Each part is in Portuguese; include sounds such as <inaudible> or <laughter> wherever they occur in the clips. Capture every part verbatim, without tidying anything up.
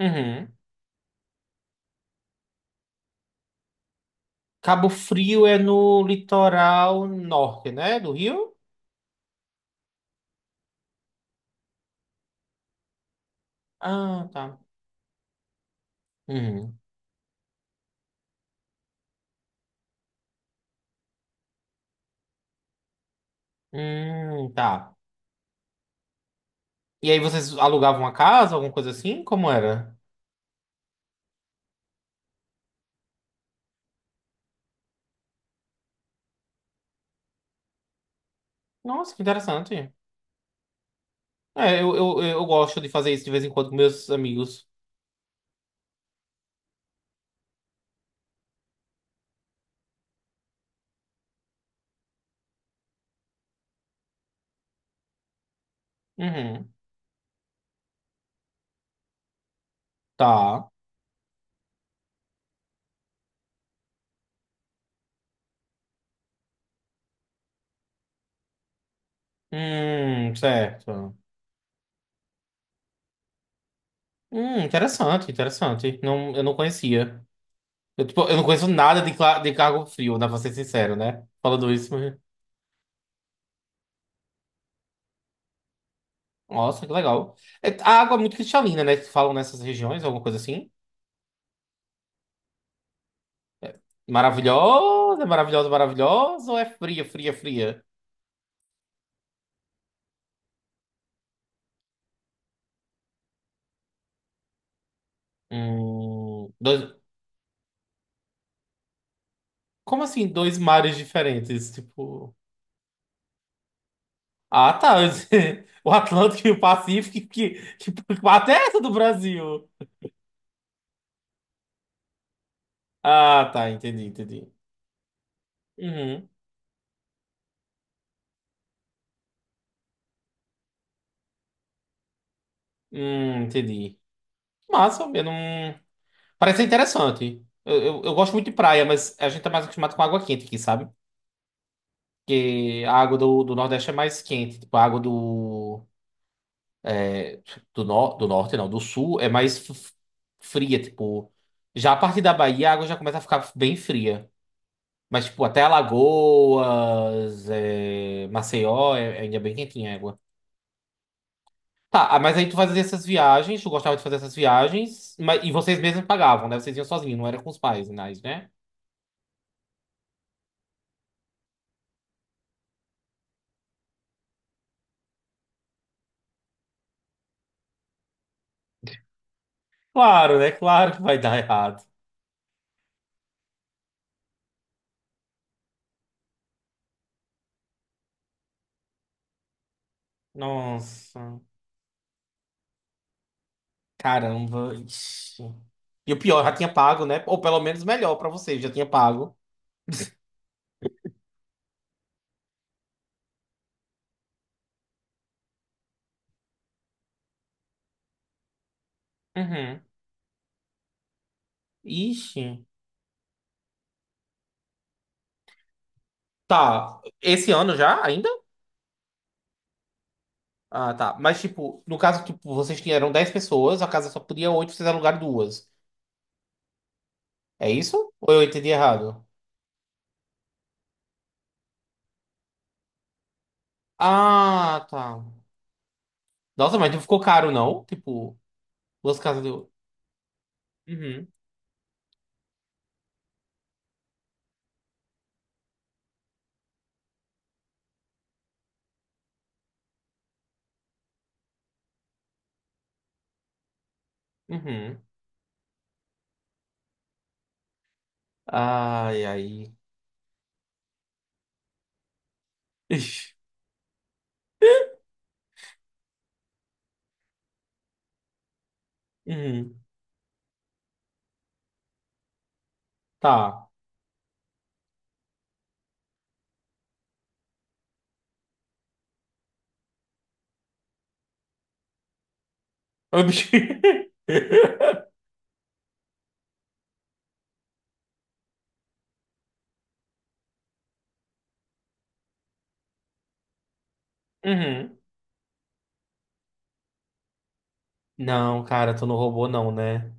Uhum. Cabo Frio é no litoral norte, né? Do Rio? Ah, tá. Uhum. Hum, tá. E aí vocês alugavam uma casa, alguma coisa assim? Como era? Nossa, que interessante. É, eu, eu, eu gosto de fazer isso de vez em quando com meus amigos. Uhum. Tá. Hum, certo. Hum, interessante, interessante. Não, eu não conhecia. Eu, tipo, eu não conheço nada de, cla- de Cabo Frio, dá pra ser sincero, né? Falando isso. Nossa, que legal. É, a água é muito cristalina, né? Que falam nessas regiões, alguma coisa assim. Maravilhosa, maravilhosa, maravilhosa, ou é fria, fria, fria? Hum, dois. Como assim, dois mares diferentes? Tipo. Ah, tá. <laughs> O Atlântico e o Pacífico, que, que, que parte é essa do Brasil? Ah, tá, entendi, entendi. Uhum. Hum, entendi. Massa, eu não. Parece ser interessante. Eu, eu, eu gosto muito de praia, mas a gente tá mais acostumado com água quente aqui, sabe? Porque a água do, do Nordeste é mais quente. Tipo, a água do, é, do, no, do Norte, não, do Sul é mais f- fria. Tipo, já a partir da Bahia a água já começa a ficar bem fria. Mas, tipo, até Alagoas, é, Maceió, é, ainda é bem quentinha a água. Tá, ah, mas aí tu fazia essas viagens, tu gostava de fazer essas viagens, mas, e vocês mesmos pagavam, né? Vocês iam sozinhos, não era com os pais, mas, né? Claro, né? Claro que vai dar errado. Nossa. Caramba, ixi. E o pior, já tinha pago, né? Ou pelo menos melhor pra você, já tinha pago. Uhum. Ixi. Tá, esse ano já, ainda? Ah, tá. Mas, tipo, no caso, tipo, vocês tinham dez pessoas, a casa só podia oito. Vocês alugaram duas. É isso? Ou eu entendi errado? Ah, tá. Nossa, mas não ficou caro, não? Tipo, duas casas de oito. Uhum, uhum. Ai, ai. Ixi. Uhum. Tá. <laughs> Uhum. Não, cara, tu não roubou não, né?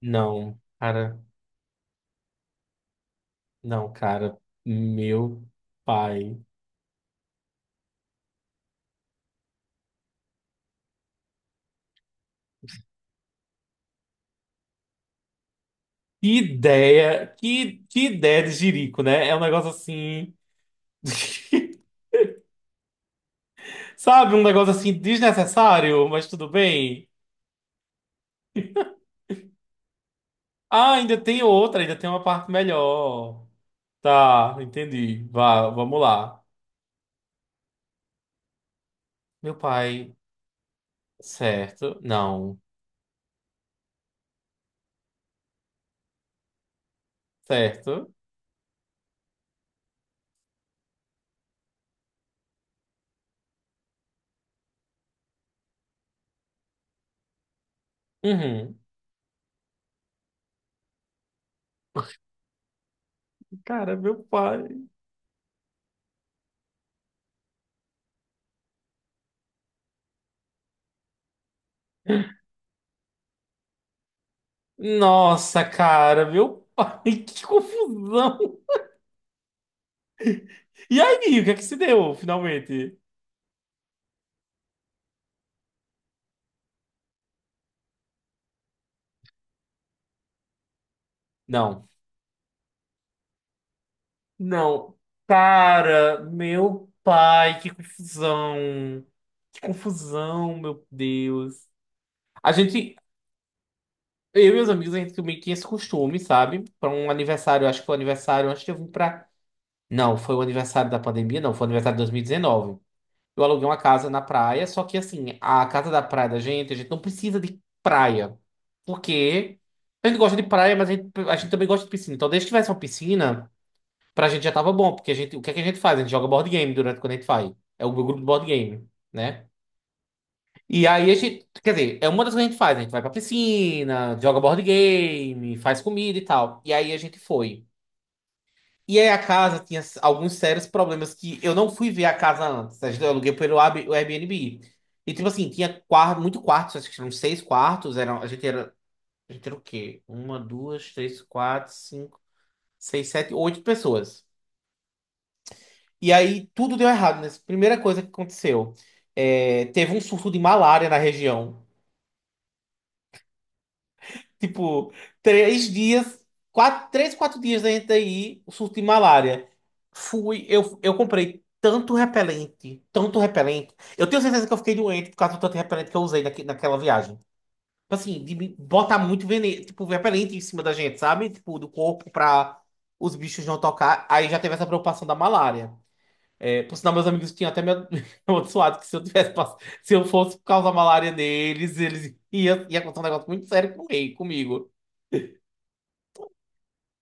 Não, cara, não, cara, meu pai. Que ideia, que, que ideia de jirico, né? É um negócio assim, <laughs> sabe, um negócio assim desnecessário, mas tudo bem. Ah, ainda tem outra, ainda tem uma parte melhor. Tá, entendi. Vá, vamos lá. Meu pai, certo? Não, certo? Uhum. Cara, meu pai. Nossa, cara, meu pai, <laughs> que confusão. E aí, o que é que se deu, finalmente? Não. Não. Cara, meu pai, que confusão. Que confusão, meu Deus. A gente, eu e meus amigos, a gente meio que tinha esse costume, sabe? Pra um aniversário, acho que foi o aniversário antes de eu vir pra. Não, foi o aniversário da pandemia, não, foi o aniversário de dois mil e dezenove. Eu aluguei uma casa na praia, só que assim, a casa da praia da gente, a gente não precisa de praia. Porque a gente gosta de praia, mas a gente, a gente também gosta de piscina. Então, desde que tivesse uma piscina. Pra gente já tava bom, porque a gente, o que é que a gente faz? A gente joga board game durante quando a gente vai. É o meu grupo de board game, né? E aí a gente, quer dizer, é uma das coisas que a gente faz. A gente vai pra piscina, joga board game, faz comida e tal. E aí a gente foi. E aí a casa tinha s- alguns sérios problemas que eu não fui ver a casa antes. A gente- Eu aluguei pelo Ab- o Airbnb. E tipo assim, tinha quarto, muito quartos, acho que eram seis quartos. Eram, a gente era, a gente era o quê? Uma, duas, três, quatro, cinco, seis, sete, oito pessoas. E aí tudo deu errado, né? Primeira coisa que aconteceu, é, teve um surto de malária na região. Tipo, três dias, quatro, três, quatro dias da gente aí, o surto de malária. Fui, eu, eu comprei tanto repelente, tanto repelente. Eu tenho certeza que eu fiquei doente por causa do tanto repelente que eu usei naque, naquela viagem. Tipo assim, de me botar muito veneno, tipo, repelente em cima da gente, sabe? Tipo, do corpo pra os bichos não tocar. Aí já teve essa preocupação da malária. É, por sinal, meus amigos tinham até me <laughs> amaldiçoado que se eu tivesse pass- se eu fosse causar malária neles, eles ia, ia acontecer um negócio muito sério com ele, comigo.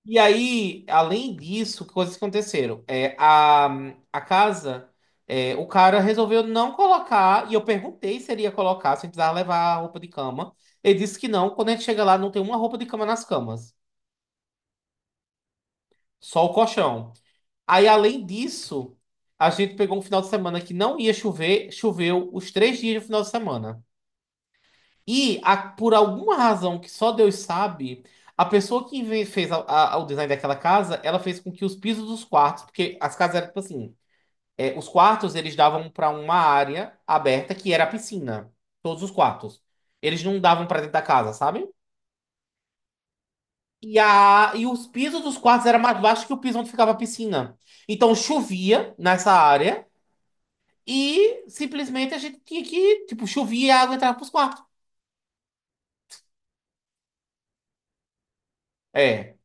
E aí, além disso, que coisas que aconteceram. É, a, a casa, é, o cara resolveu não colocar, e eu perguntei se ele ia colocar, se precisava levar a roupa de cama. Ele disse que não, quando a gente chega lá, não tem uma roupa de cama nas camas, só o colchão. Aí, além disso, a gente pegou um final de semana que não ia chover, choveu os três dias do final de semana. E a- por alguma razão que só Deus sabe, a pessoa que inve- fez a- a- o design daquela casa, ela fez com que os pisos dos quartos, porque as casas eram tipo assim, é, os quartos eles davam para uma área aberta que era a piscina, todos os quartos. Eles não davam para dentro da casa, sabe? E, a, e os pisos dos quartos eram mais baixos que o piso onde ficava a piscina. Então chovia nessa área e simplesmente a gente tinha que, tipo, chovia e a água entrava pros quartos. É.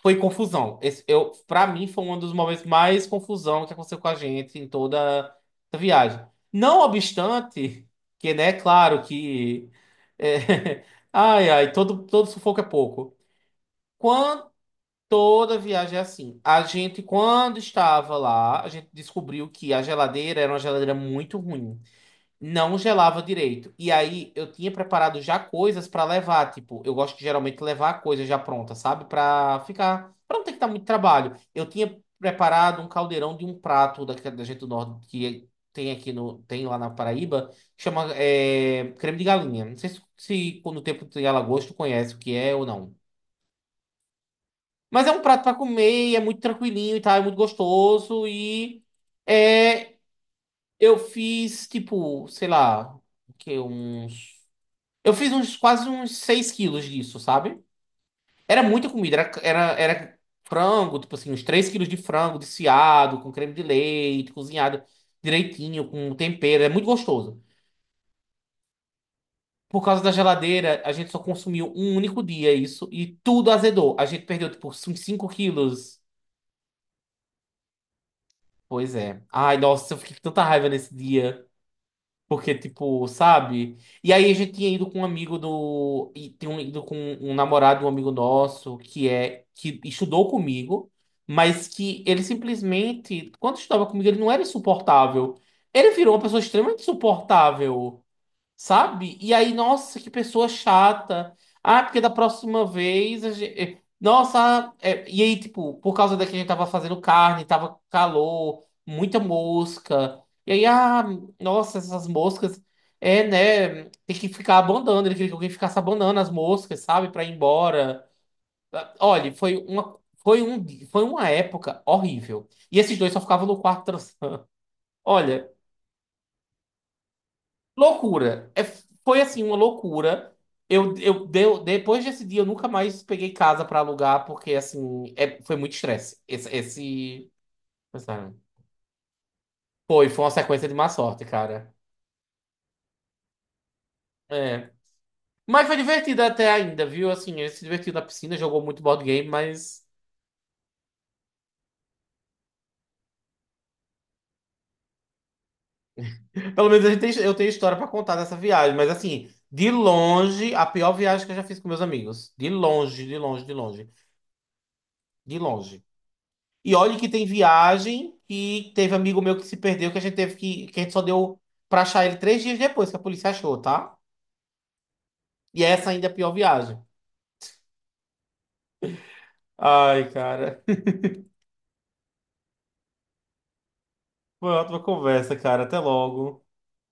Foi confusão. Esse, eu, para mim, foi um dos momentos mais confusão que aconteceu com a gente em toda a viagem. Não obstante, que, né, claro que. é, <laughs> Ai, ai, todo, todo sufoco é pouco. Quando, toda viagem é assim. A gente, quando estava lá, a gente descobriu que a geladeira era uma geladeira muito ruim, não gelava direito. E aí eu tinha preparado já coisas pra levar, tipo, eu gosto de geralmente levar coisas já pronta, sabe? Pra ficar, pra não ter que dar muito trabalho. Eu tinha preparado um caldeirão de um prato da, da gente do norte que tem aqui no tem lá na Paraíba, que chama é, creme de galinha. Não sei se, se no tempo de Alagoas tu conhece o que é ou não. Mas é um prato pra comer, e é muito tranquilinho e tal, é muito gostoso e é, eu fiz tipo, sei lá, o que uns eu fiz uns quase uns seis quilos disso, sabe? Era muita comida, era, era, era frango, tipo assim, uns três quilos de frango desfiado, com creme de leite, cozinhado direitinho, com tempero, é muito gostoso. Por causa da geladeira, a gente só consumiu um único dia isso e tudo azedou. A gente perdeu, tipo, uns cinco quilos. Pois é. Ai, nossa, eu fiquei com tanta raiva nesse dia. Porque, tipo, sabe? E aí a gente tinha ido com um amigo do. E tinha um- ido com um namorado, um amigo nosso, que é. Que estudou comigo, mas que ele simplesmente. Quando estudava comigo, ele não era insuportável. Ele virou uma pessoa extremamente insuportável. Sabe? E aí, nossa, que pessoa chata. Ah, porque da próxima vez a gente. Nossa, é, e aí, tipo, por causa da que a gente tava fazendo carne, tava calor, muita mosca. E aí, ah, nossa, essas moscas. É, né? Tem que ficar abandonando, ele queria que alguém ficasse abandonando as moscas, sabe? Pra ir embora. Ah, olha, foi uma, foi um, foi uma época horrível. E esses dois só ficavam no quarto transando. Olha. Loucura. É, foi assim, uma loucura. Eu, eu, deu- depois desse dia, eu nunca mais peguei casa pra alugar, porque assim, é- foi muito estresse. Esse, esse- sabe? Foi, foi uma sequência de má sorte, cara. É. Mas foi divertido até ainda, viu? Assim, ele se divertiu na piscina, jogou muito board game, mas pelo menos a gente tem- eu tenho história pra contar dessa viagem. Mas assim, de longe, a pior viagem que eu já fiz com meus amigos. De longe, de longe, de longe, de longe. E olha que tem viagem que teve amigo meu que se perdeu, que a gente teve que, que a gente só deu pra achar ele três dias depois que a polícia achou, tá? E essa ainda é a pior viagem. Ai, cara. <laughs> Foi uma ótima conversa, cara. Até logo.